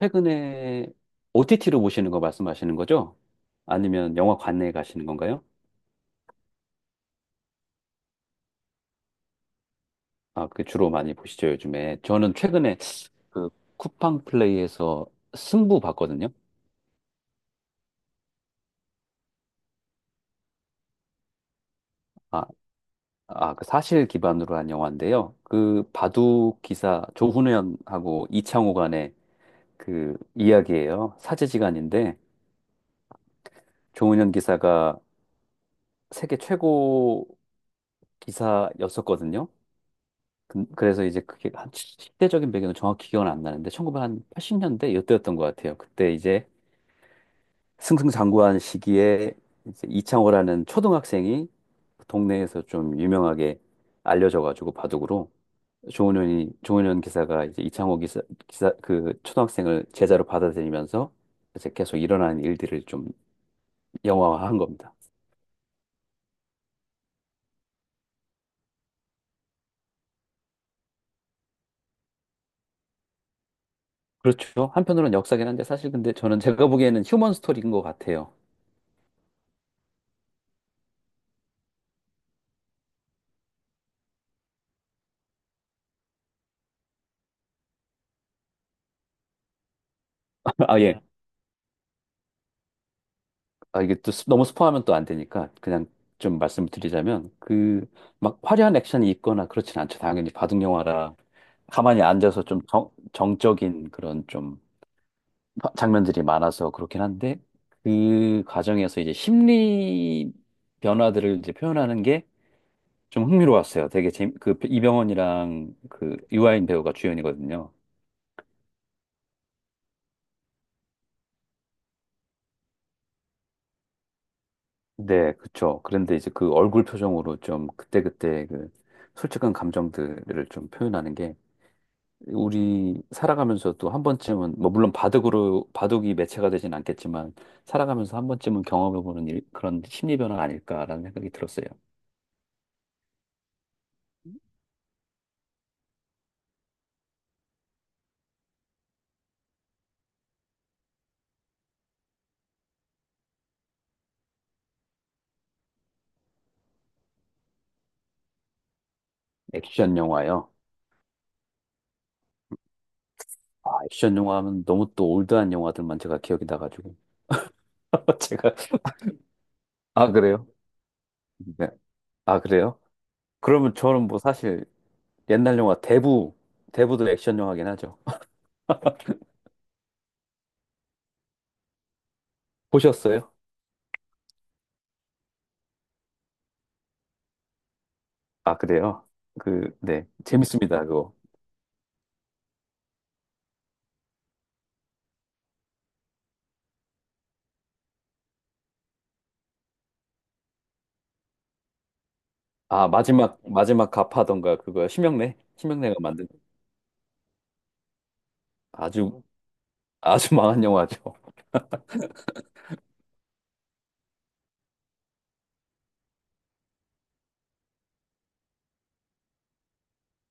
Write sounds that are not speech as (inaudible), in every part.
최근에 OTT로 보시는 거 말씀하시는 거죠? 아니면 영화관에 가시는 건가요? 아, 그 주로 많이 보시죠, 요즘에. 저는 최근에 그 쿠팡 플레이에서 승부 봤거든요. 아, 아, 그 사실 기반으로 한 영화인데요. 그 바둑 기사 조훈현하고 이창호 간의 그 이야기예요. 사제지간인데 조훈현 기사가 세계 최고 기사였었거든요. 그래서 이제 그게 한 시대적인 배경은 정확히 기억은 안 나는데 1980년대 이때였던 것 같아요. 그때 이제 승승장구한 시기에 이제 이창호라는 초등학생이 동네에서 좀 유명하게 알려져가지고 바둑으로 조은현 기사가 이제 이창호 기사 그 초등학생을 제자로 받아들이면서 이제 계속 일어나는 일들을 좀 영화화한 겁니다. 그렇죠. 한편으로는 역사긴 한데 사실 근데 저는 제가 보기에는 휴먼 스토리인 것 같아요. (laughs) 아 예. 아, 이게 또 너무 스포하면 또 안 되니까 그냥 좀 말씀을 드리자면 그 막 화려한 액션이 있거나 그렇진 않죠. 당연히 바둑 영화라 가만히 앉아서 좀 정적인 그런 좀 장면들이 많아서 그렇긴 한데 그 과정에서 이제 심리 변화들을 이제 표현하는 게 좀 흥미로웠어요. 되게 그 이병헌이랑 그 유아인 배우가 주연이거든요. 네, 그쵸. 그런데 이제 그 얼굴 표정으로 좀 그때그때 그 솔직한 감정들을 좀 표현하는 게 우리 살아가면서도 한 번쯤은 뭐 물론 바둑으로 바둑이 매체가 되진 않겠지만 살아가면서 한 번쯤은 경험해보는 일, 그런 심리 변화 아닐까라는 생각이 들었어요. 액션 영화요. 아, 액션 영화 하면 너무 또 올드한 영화들만 제가 기억이 나가지고 (laughs) 제가 아 그래요? 네. 아 그래요? 그러면 저는 뭐 사실 옛날 영화 대부 대부도 액션 영화긴 하죠. 보셨어요? 아 그래요? 그 네 재밌습니다 그거. 아 마지막 갑하던가 그거 심형래가 만든 아주 아주 망한 영화죠.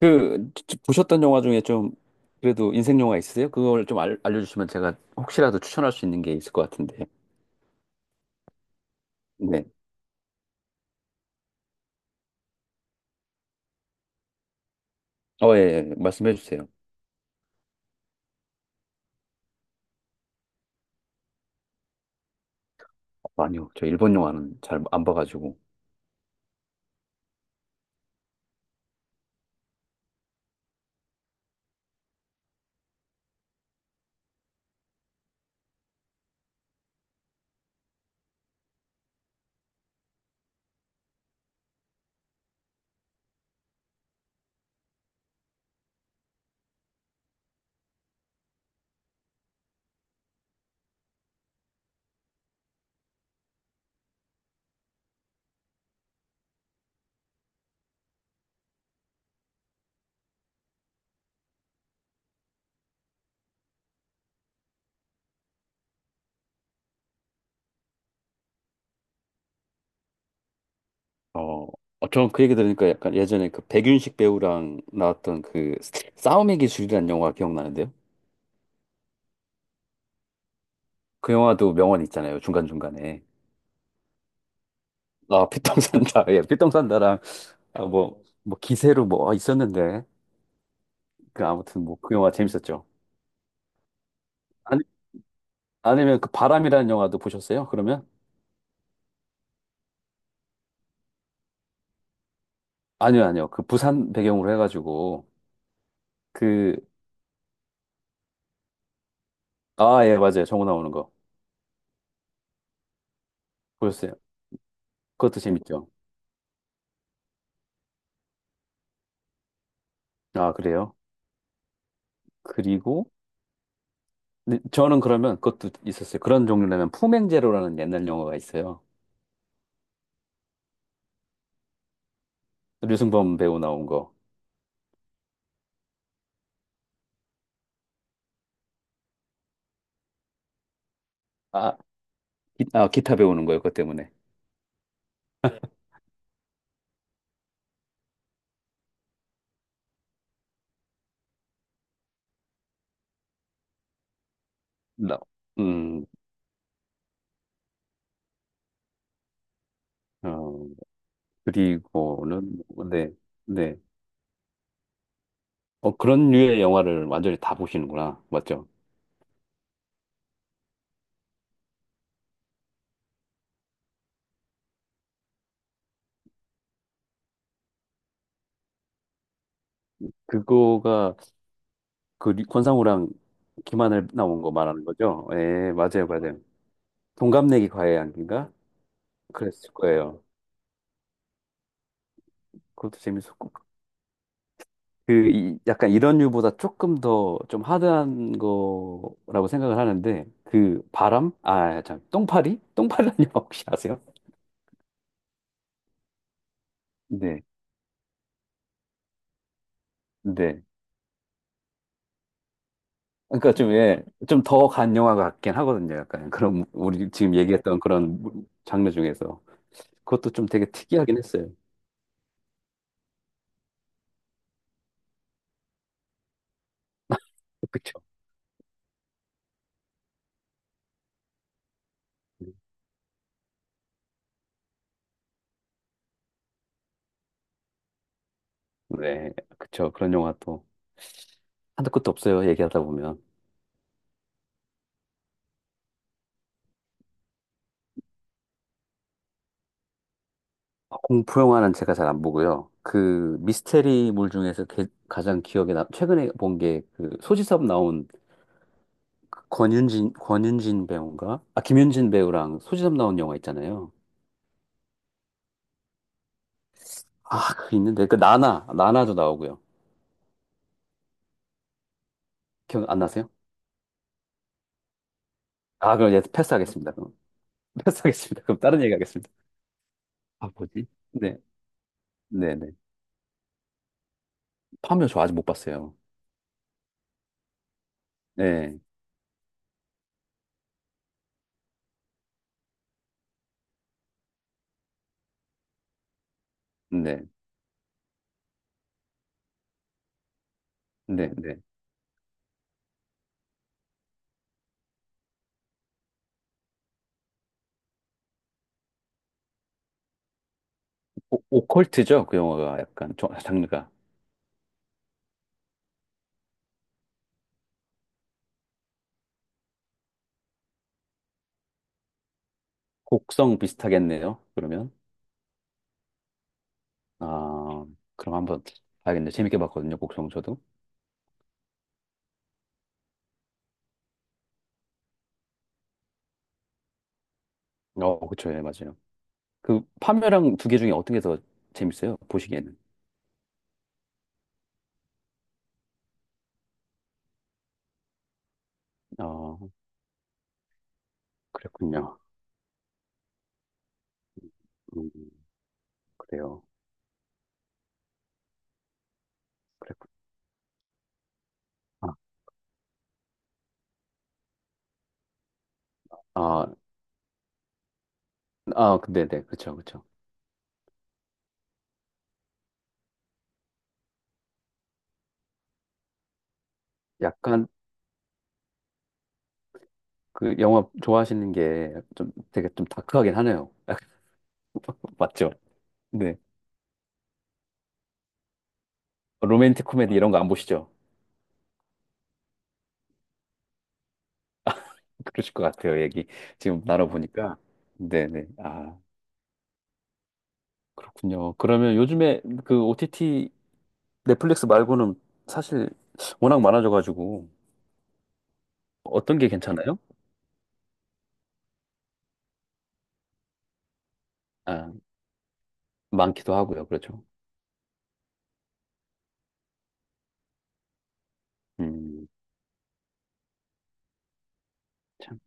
그 보셨던 영화 중에 좀 그래도 인생 영화 있으세요? 그걸 좀 알려주시면 제가 혹시라도 추천할 수 있는 게 있을 것 같은데. 네. 어, 예, 예. 말씀해 주세요. 어, 아니요, 저 일본 영화는 잘 안 봐가지고. 어, 어, 저는 그 얘기 들으니까 약간 예전에 그 백윤식 배우랑 나왔던 그 싸움의 기술이라는 영화 기억나는데요? 그 영화도 명언 있잖아요. 중간중간에. 아, 피똥산다. (laughs) 예, 피똥산다랑 아, 뭐 기세로 뭐 아, 있었는데. 그 아무튼 뭐 그 영화 재밌었죠. 아니면 그 바람이라는 영화도 보셨어요? 그러면? 아니요, 아니요. 그 부산 배경으로 해가지고 그 아, 예, 맞아요. 정우 나오는 거 보셨어요? 그것도 재밌죠. 아, 그래요? 그리고 근데 저는 그러면 그것도 있었어요. 그런 종류라면 품행제로라는 옛날 영화가 있어요. 류승범 배우 나온 거. 아, 기타 배우는 거예요. 그것 때문에. 나, 음, 어, 그리고는 뭐, 네, 네. 어, 그런 류의 영화를 완전히 다 보시는구나. 맞죠? 그거가 그 권상우랑 김하늘 나온 거 말하는 거죠? 예, 맞아요, 맞아요. 동갑내기 과외 양인가? 그랬을 거예요. 그것도 재밌었고. 그, 약간 이런 류보다 조금 더 좀 하드한 거라고 생각을 하는데, 그 바람? 아, 참, 똥파리? 똥파리라는 영화 혹시 아세요? 네, 네. 그러니까 좀, 예, 좀 더 간 영화 같긴 하거든요. 약간 그런, 우리 지금 얘기했던 그런 장르 중에서. 그것도 좀 되게 특이하긴 했어요. 그쵸? 네, 그쵸. 그런 영화 또. 한도 끝도 없어요. 얘기하다 보면. 공포 영화는 제가 잘 안 보고요. 그 미스테리물 중에서 가장 기억에 남, 최근에 본 게 그 소지섭 나온 그 권윤진 배우인가? 아, 김윤진 배우랑 소지섭 나온 영화 있잖아요. 아, 그 있는데. 그 나나도 나오고요. 기억 안 나세요? 아, 그럼 얘 패스하겠습니다. 그럼. (laughs) 패스하겠습니다. 그럼 다른 얘기 하겠습니다. 아, 뭐지? 네, 네, 네. 파묘 저 아직 못 봤어요. 네, 네, 네, 네. 오, 오컬트죠? 그 영화가 약간 장르가. 곡성 비슷하겠네요. 그러면 아 그럼 한번 봐야겠네요. 재밌게 봤거든요. 곡성 저도. 어 그쵸 예 맞아요. 그 파묘랑 두 개 중에 어떤 게 더 재밌어요? 보시기에는. 아 그랬군요. 음 그래요. 그랬군. 아아아 근데 네 그쵸 그쵸. 약간 그 영화 좋아하시는 게 좀 되게 좀 다크하긴 하네요. (laughs) 맞죠? 네. 로맨틱 코미디 이런 거 안 보시죠? 그러실 것 같아요. 얘기 지금 나눠보니까. 네네. 아. 그렇군요. 그러면 요즘에 그 OTT 넷플릭스 말고는 사실 워낙 많아져가지고 어떤 게 괜찮아요? 아, 많기도 하고요. 그렇죠. 음, 참.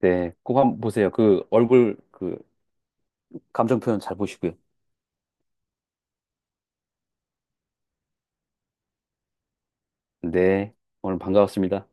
네, 꼭 한번 보세요. 그 얼굴 그 감정 표현 잘 보시고요. 네, 오늘 반가웠습니다.